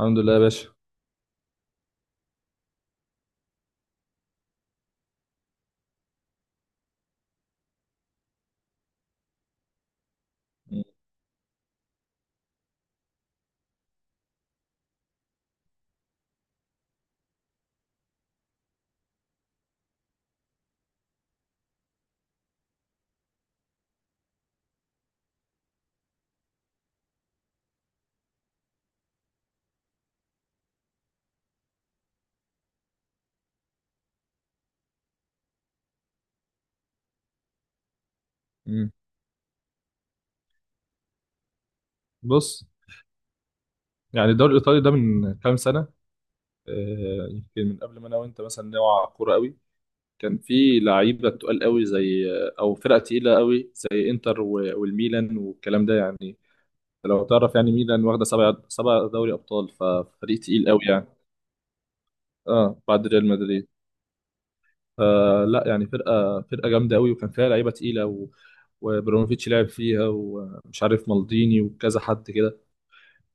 الحمد لله يا باشا. مم. مم. بص. يعني الدوري الايطالي ده من كام سنه، يمكن من قبل ما انا وانت، مثلا نوع كوره قوي. كان في لعيبه تقال قوي زي... او فرقه تقيله قوي زي انتر والميلان والكلام ده يعني. لو تعرف، يعني ميلان واخده سبع دوري ابطال، ففريق تقيل قوي يعني. اه، بعد ريال مدريد. فلا يعني، فرقه جامده قوي، وكان فيها لعيبه تقيله وبرونوفيتش لعب فيها، ومش عارف مالديني وكذا حد كده.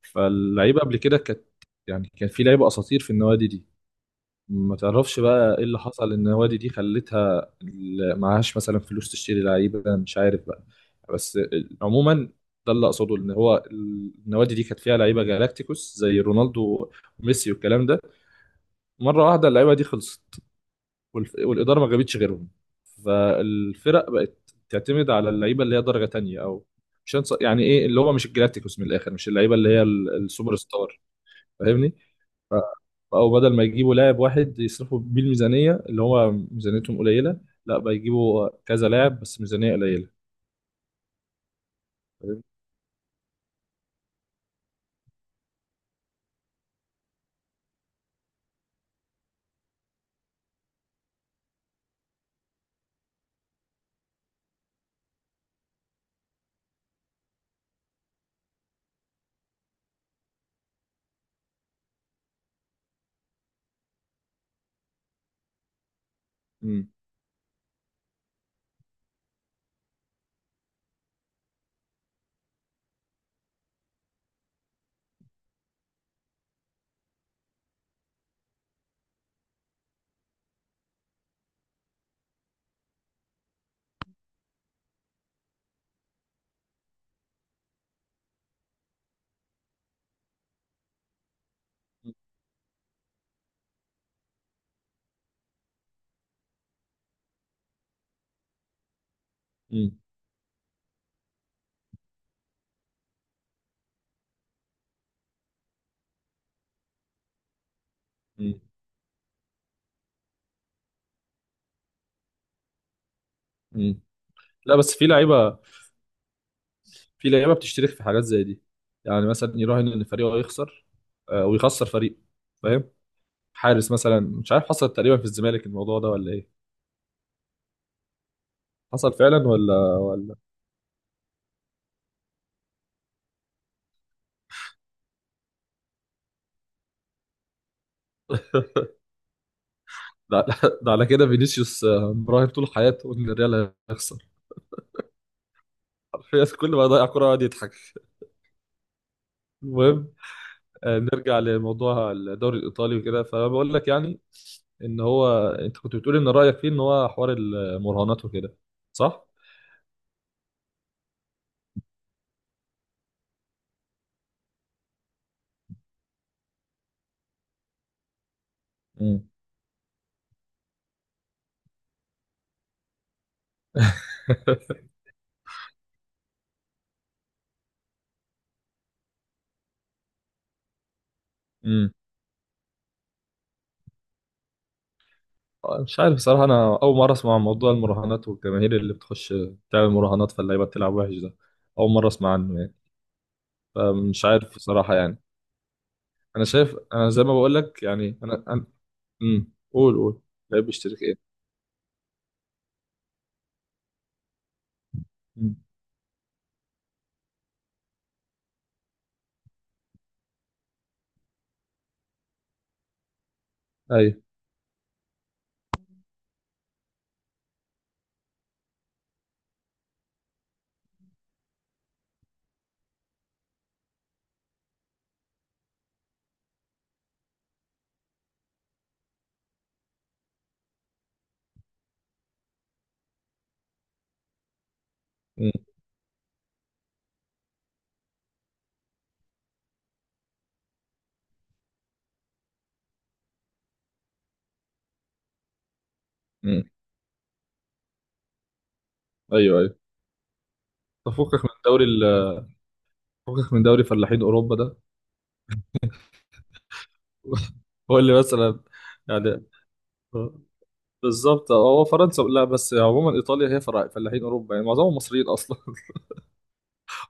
فاللعيبه قبل كده كانت... يعني كان في لعيبه اساطير في النوادي دي. ما تعرفش بقى ايه اللي حصل، النوادي دي خلتها معهاش مثلا فلوس تشتري لعيبه، مش عارف بقى. بس عموما، ده اللي اقصده، ان هو النوادي دي كانت فيها لعيبه جالاكتيكوس زي رونالدو وميسي والكلام ده. مره واحده اللعيبه دي خلصت، والاداره ما جابتش غيرهم. فالفرق بقت تعتمد على اللعيبه اللي هي درجه تانية، او مش هنص- يعني ايه اللي هو مش الجالاكتيكوس. من الاخر، مش اللعيبه اللي هي السوبر ستار. فاهمني؟ او بدل ما يجيبوا لاعب واحد يصرفوا بيه الميزانيه، اللي هو ميزانيتهم قليله، لا بقى يجيبوا كذا لاعب بس ميزانيه قليله. فاهم؟ مم. مم. مم. مم. لا، بس في لعيبه، بتشترك في حاجات زي دي. يعني مثلا يراهن ان فريقه هيخسر، ويخسر فريقه. فاهم؟ حارس مثلا، مش عارف، حصل تقريبا في الزمالك الموضوع ده ولا ايه؟ حصل فعلا ولا ده ده على كده فينيسيوس مراهن طول حياته ان الريال هيخسر. حرفيا كل ما يضيع كرة يقعد يضحك. المهم، نرجع لموضوع الدوري الايطالي وكده. فبقول لك يعني، ان هو انت كنت بتقول ان رايك فيه ان هو حوار المراهنات وكده، صح؟ امم. امم. مش عارف بصراحه، انا اول مره اسمع عن موضوع المراهنات، والجماهير اللي بتخش تعمل مراهنات فاللعيبه بتلعب وحش ده. اول مره اسمع عنه يعني. فمش عارف بصراحه يعني. انا شايف، انا زي ما بقول لك يعني، انا قول قول. لعيب بيشترك ايه؟ امم. ايوه. امم. أمم. ايوه، ايوه. تفكك من دوري فكك من دوري فلاحين اوروبا ده. قول لي مثلا، يعني بالظبط هو فرنسا. لا، بس عموما ايطاليا هي فلاحين اوروبا، يعني معظمهم مصريين اصلا.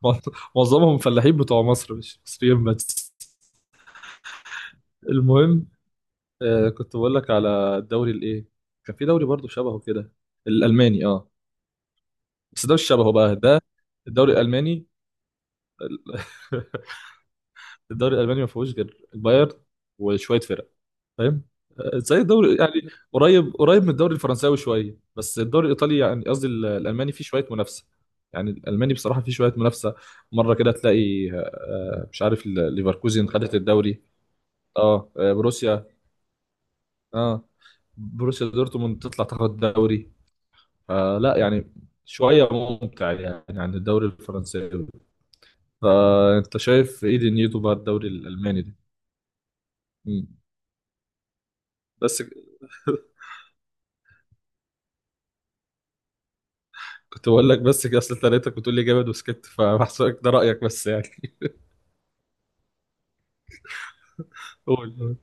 معظمهم فلاحين بتوع مصر، مش مصريين بس. المهم، كنت بقول لك على الدوري الايه، كان في دوري برضو شبهه كده، الالماني، اه. بس ده مش شبهه بقى ده. الدوري الالماني ال- الدوري الالماني ما فيهوش غير البايرن وشويه فرق، فاهم؟ زي الدوري يعني، قريب قريب من الدوري الفرنساوي شويه، بس الدوري الايطالي يعني، قصدي الالماني فيه شويه منافسه. يعني الالماني بصراحه فيه شويه منافسه. مره كده تلاقي، مش عارف، ليفركوزن خدت الدوري. اه، بروسيا. اه بروسيا دورتموند تطلع تاخد الدوري. فلا يعني، شويه ممتع يعني عن الدوري الفرنساوي. فانت شايف ايه دنيته بقى الدوري الالماني ده؟ مم. بس... كنت بقول لك بس كده، اصل انت لقيتك بتقول لي جامد وسكت، فبحسبك ده رايك بس يعني. قول قول.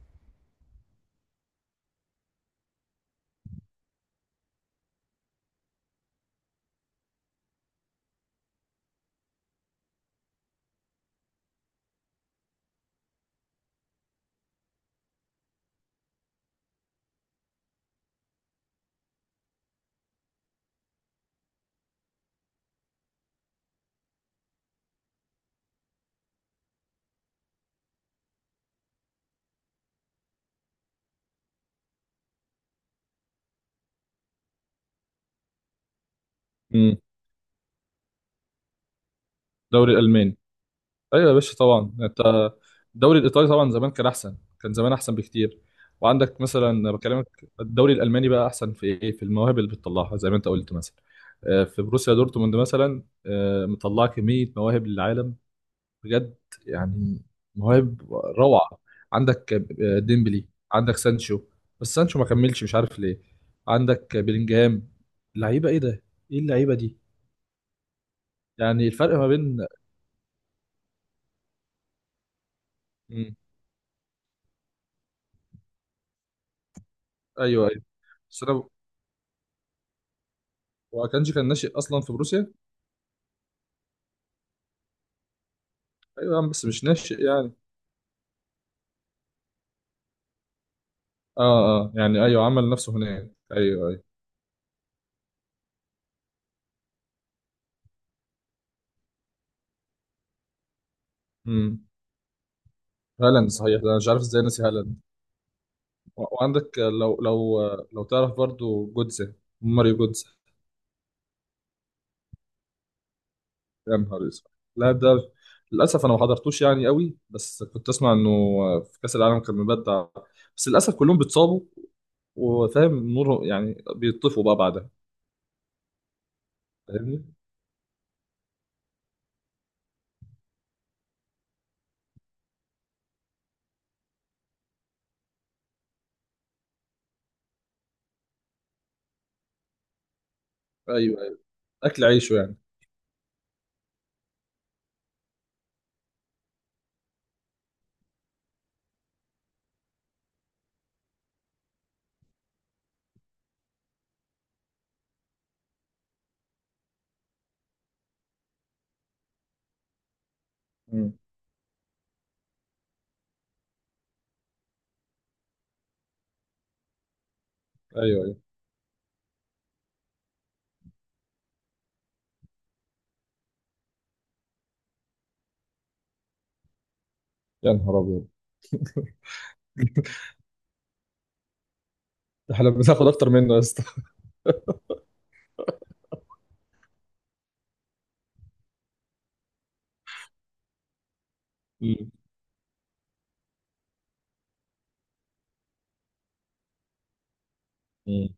امم. الدوري الالماني. ايوه يا باشا، طبعا انت. الدوري الايطالي طبعا زمان كان احسن، كان زمان احسن بكتير. وعندك مثلا بكلمك، الدوري الالماني بقى احسن في ايه، في المواهب اللي بتطلعها زي ما انت قلت مثلا. في بروسيا دورتموند مثلا، مطلعه كميه مواهب للعالم بجد. يعني مواهب روعة. عندك ديمبلي. عندك سانشو، بس سانشو ما كملش، مش عارف ليه. عندك بلينجهام. لعيبة ايه ده! ايه اللعيبة دي! يعني الفرق ما بين... مم. ايوه، ايوه. بس انا... واكانجي كان ناشئ اصلا في بروسيا. ايوه يا عم، بس مش ناشئ يعني. اه. اه يعني ايوه، عمل نفسه هناك، ايوه ايوه. امم هالاند صحيح ده، انا مش عارف ازاي ناسي هالاند. وعندك، لو تعرف برضو جودزا، ماريو جودزا. يا نهار اسود، اللاعب ده! للاسف انا ما حضرتوش يعني قوي، بس كنت اسمع انه في كاس العالم كان مبدع. بس للاسف كلهم بيتصابوا، وفاهم نور، يعني بيطفوا بقى بعدها. فاهمني؟ ايوه ايوه. اكل عيشه يعني. مم. ايوه ايوه. يا نهار ابيض. احنا بناخد اكتر منه يا اسطى! مم. مم.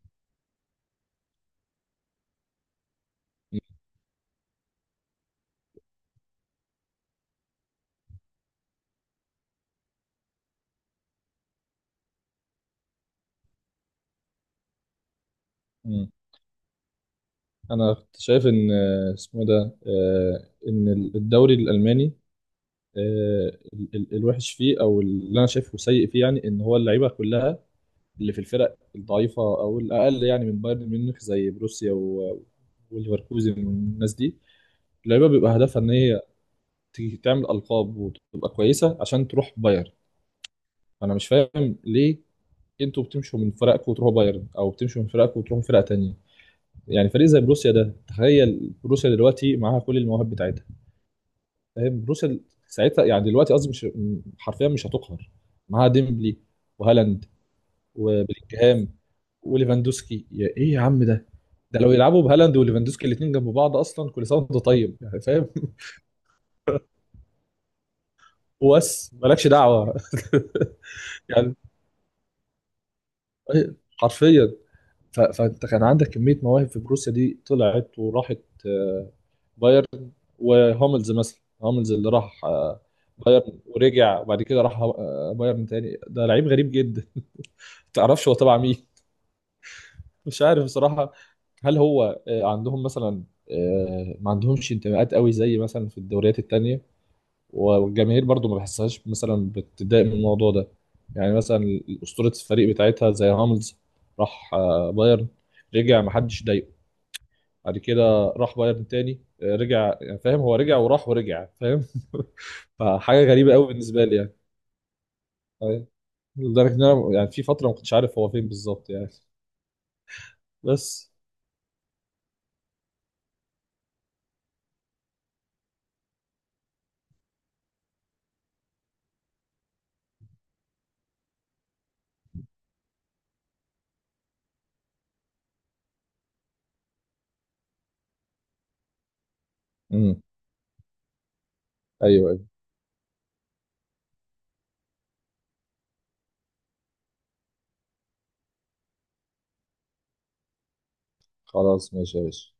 مم. انا كنت شايف ان، آه، اسمه إيه ده آه، ان الدوري الالماني، آه، الوحش فيه، او اللي انا شايفه سيء فيه يعني، ان هو اللعيبه كلها اللي في الفرق الضعيفه او الاقل، يعني من بايرن ميونخ، زي بروسيا وليفركوزن والناس دي، اللعيبه بيبقى هدفها ان هي تعمل القاب وتبقى كويسه عشان تروح بايرن. انا مش فاهم ليه انتوا بتمشوا من فرقكم وتروحوا بايرن، او بتمشوا من فرقكم وتروحوا فرقه تانية. يعني فريق زي بروسيا ده، تخيل بروسيا دلوقتي معاها كل المواهب بتاعتها، فاهم؟ بروسيا ساعتها يعني، دلوقتي قصدي، مش... حرفيا مش هتقهر. معاها ديمبلي وهالاند وبلينجهام وليفاندوسكي. يا ايه يا عم ده! ده لو يلعبوا بهالاند وليفاندوسكي الاثنين جنب بعض، اصلا كل سنه وانت طيب يعني، فاهم؟ وبس مالكش دعوه. يعني إيه، حرفيا. فانت كان عندك كميه مواهب في بروسيا دي طلعت وراحت آه، بايرن. وهوملز مثلا، هوملز اللي راح بايرن ورجع، وبعد كده راح بايرن تاني. ده لعيب غريب جدا! ما تعرفش هو تبع مين. مش عارف بصراحة. هل هو عندهم مثلا ما عندهمش انتماءات قوي زي مثلا في الدوريات التانية، والجماهير برضو ما بحسهاش مثلا بتضايق من الموضوع ده؟ يعني مثلا أسطورة الفريق بتاعتها زي هاملز، راح بايرن، رجع، ما حدش ضايقه، بعد كده راح بايرن تاني، رجع، يعني فاهم، هو رجع وراح ورجع، فاهم؟ فحاجة غريبة قوي بالنسبة لي يعني. أيوة. لدرجة إن أنا، يعني في فترة ما كنتش عارف هو فين بالظبط يعني. بس. امم. ايوه ايوه. خلاص ماشي يا باشا.